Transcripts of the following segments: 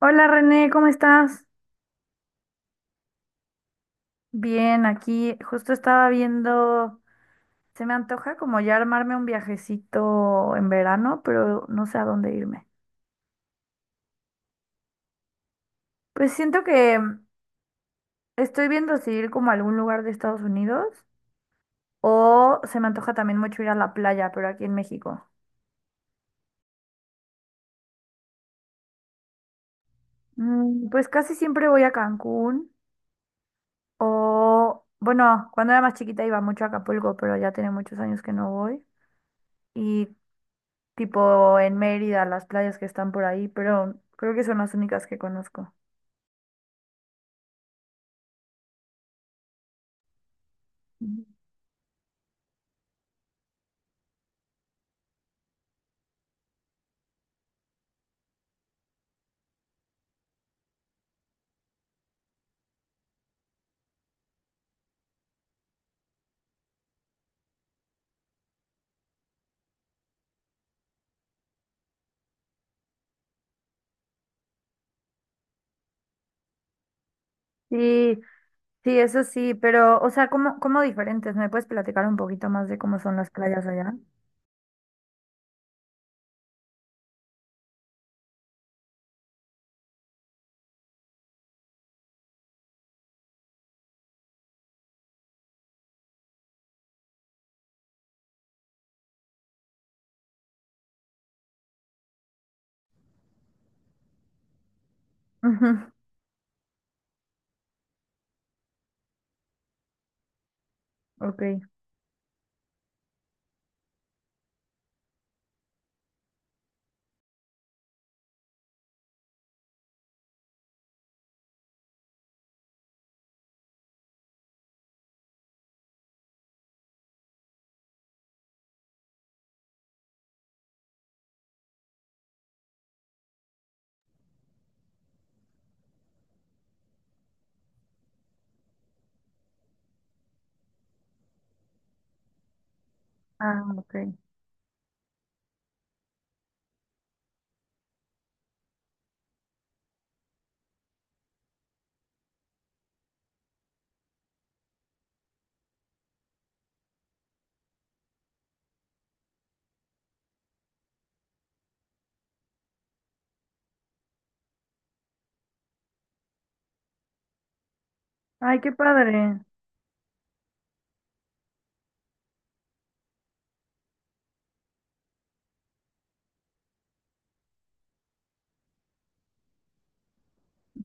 Hola René, ¿cómo estás? Bien, aquí justo estaba viendo, se me antoja como ya armarme un viajecito en verano, pero no sé a dónde irme. Pues siento que estoy viendo si ir como a algún lugar de Estados Unidos o se me antoja también mucho ir a la playa, pero aquí en México. Pues casi siempre voy a Cancún o, bueno, cuando era más chiquita iba mucho a Acapulco, pero ya tiene muchos años que no voy. Y tipo en Mérida, las playas que están por ahí, pero creo que son las únicas que conozco. Ujú. Sí, sí, eso sí, pero, o sea, ¿cómo diferentes? ¿Me puedes platicar un poquito más de cómo son las playas allá? Ujú. Ok. Ah, ok. Ay, qué padre.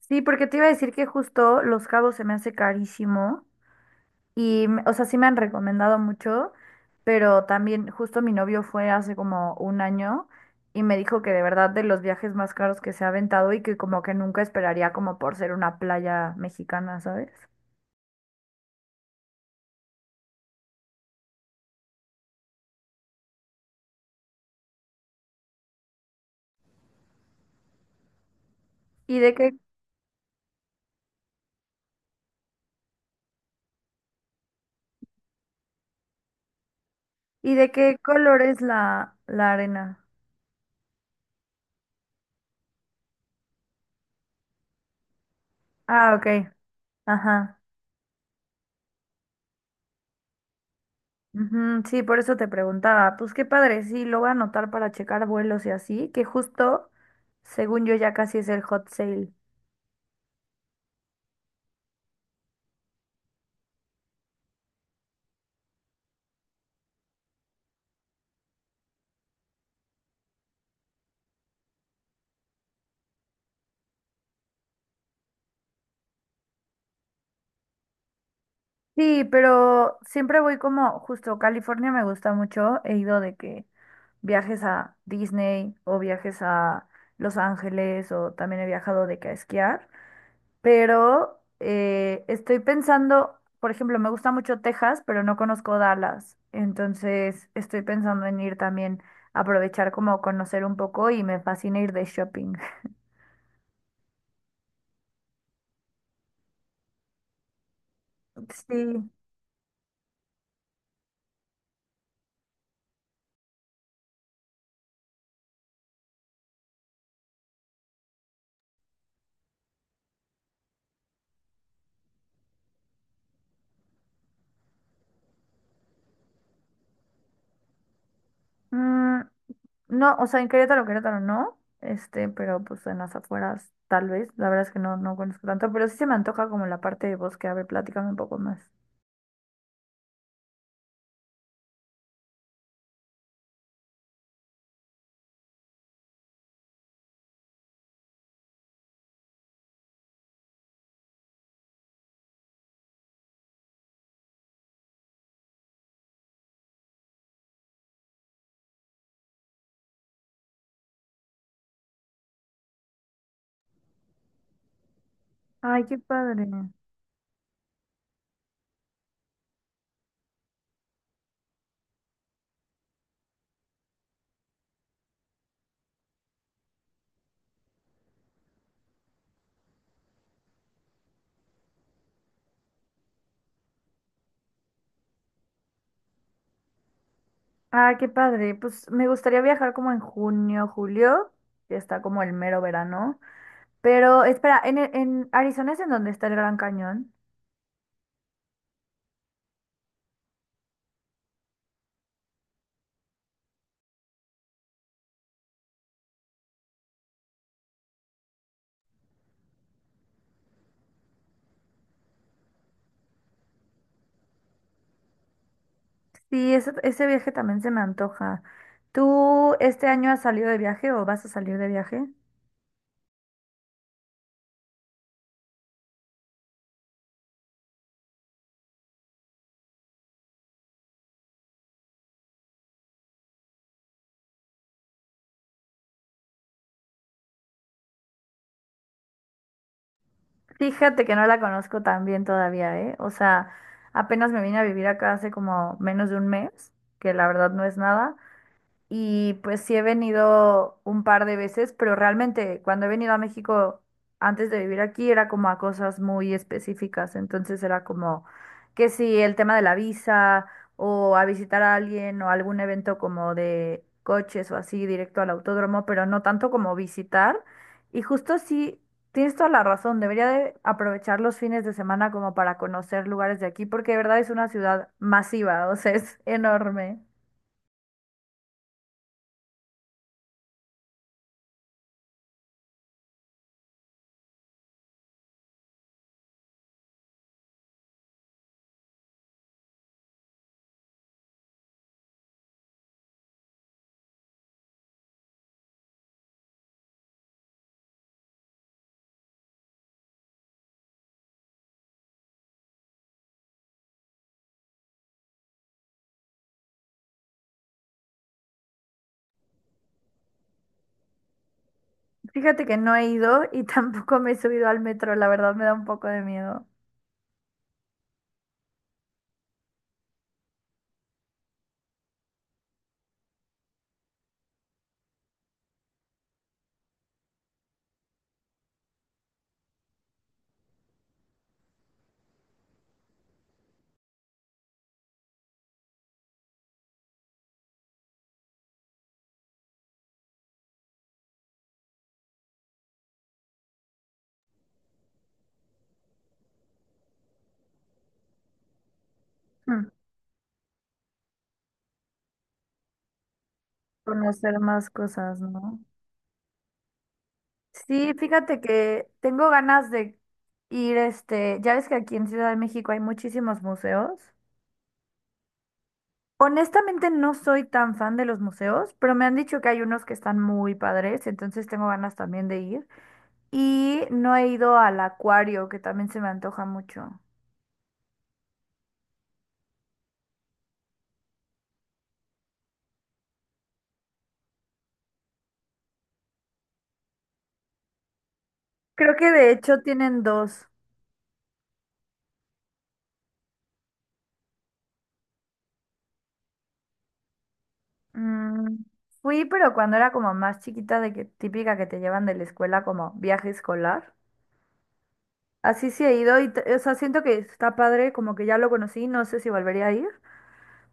Sí, porque te iba a decir que justo Los Cabos se me hace carísimo. Y, o sea, sí me han recomendado mucho, pero también justo mi novio fue hace como un año y me dijo que de verdad de los viajes más caros que se ha aventado y que como que nunca esperaría como por ser una playa mexicana, ¿sabes? ¿Y de qué, ¿y de qué color es la, la arena? Ah, ok. Ajá. Ujú, sí, por eso te preguntaba. Pues qué padre, sí, lo voy a anotar para checar vuelos y así, que justo, según yo, ya casi es el hot sale. Sí, pero siempre voy como, justo California me gusta mucho, he ido de que viajes a Disney o viajes a Los Ángeles o también he viajado de que a esquiar, pero estoy pensando, por ejemplo, me gusta mucho Texas, pero no conozco Dallas, entonces estoy pensando en ir también, aprovechar como conocer un poco y me fascina ir de shopping. Sí. Mm, no, o sea, en Querétaro, Querétaro no, este, pero pues en las afueras tal vez, la verdad es que no, no conozco tanto, pero sí se me antoja como la parte de bosque, a ver, platícame un poco más. Ay, qué padre. Ah, qué padre. Pues me gustaría viajar como en junio, julio, que está como el mero verano. Pero espera, en Arizona es en donde está el Gran Cañón. Sí, ese viaje también se me antoja. ¿Tú este año has salido de viaje o vas a salir de viaje? Fíjate que no la conozco tan bien todavía, ¿eh? O sea, apenas me vine a vivir acá hace como menos de un mes, que la verdad no es nada. Y pues sí he venido un par de veces, pero realmente cuando he venido a México antes de vivir aquí era como a cosas muy específicas. Entonces era como que si el tema de la visa o a visitar a alguien o algún evento como de coches o así directo al autódromo, pero no tanto como visitar. Y justo sí, tienes toda la razón, debería de aprovechar los fines de semana como para conocer lugares de aquí, porque de verdad es una ciudad masiva, o sea, es enorme. Fíjate que no he ido y tampoco me he subido al metro, la verdad me da un poco de miedo. mm, Conocer más cosas, ¿no? Sí, fíjate que tengo ganas de ir, este, ya ves que aquí en Ciudad de México hay muchísimos museos. Honestamente no soy tan fan de los museos, pero me han dicho que hay unos que están muy padres, entonces tengo ganas también de ir. Y no he ido al acuario, que también se me antoja mucho. Creo que de hecho tienen dos. Mm, Fui, pero cuando era como más chiquita, de que típica que te llevan de la escuela como viaje escolar. Así sí he ido y, o sea, siento que está padre, como que ya lo conocí, no sé si volvería a ir.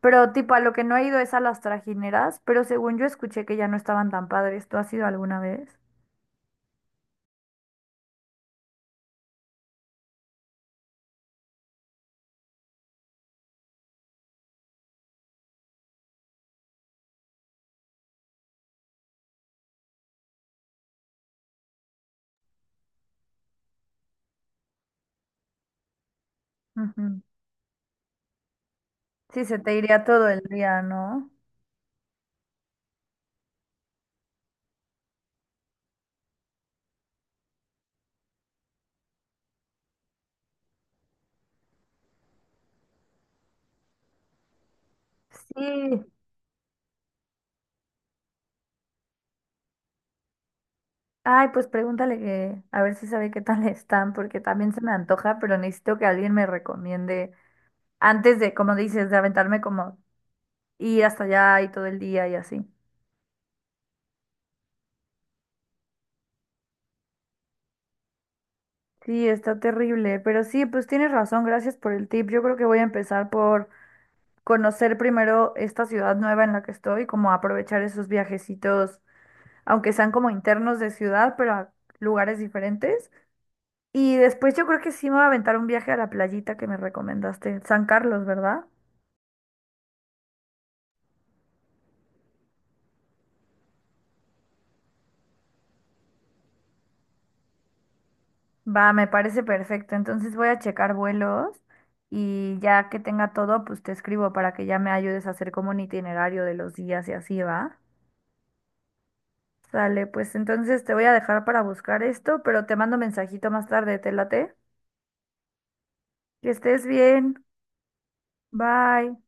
Pero tipo, a lo que no he ido es a las trajineras, pero según yo escuché que ya no estaban tan padres. ¿Tú has ido alguna vez? Ujú. Sí, se te iría todo el día, ¿no? Sí. Ay, pues pregúntale que a ver si sabe qué tal están, porque también se me antoja, pero necesito que alguien me recomiende antes de, como dices, de aventarme como y hasta allá y todo el día y así. Sí, está terrible, pero sí, pues tienes razón, gracias por el tip. Yo creo que voy a empezar por conocer primero esta ciudad nueva en la que estoy, como aprovechar esos viajecitos, aunque sean como internos de ciudad, pero a lugares diferentes. Y después yo creo que sí me voy a aventar un viaje a la playita que me recomendaste, San Carlos, ¿verdad? Va, me parece perfecto. Entonces voy a checar vuelos y ya que tenga todo, pues te escribo para que ya me ayudes a hacer como un itinerario de los días y así va. Sale, pues entonces te voy a dejar para buscar esto, pero te mando mensajito más tarde, te late. Que estés bien. Bye.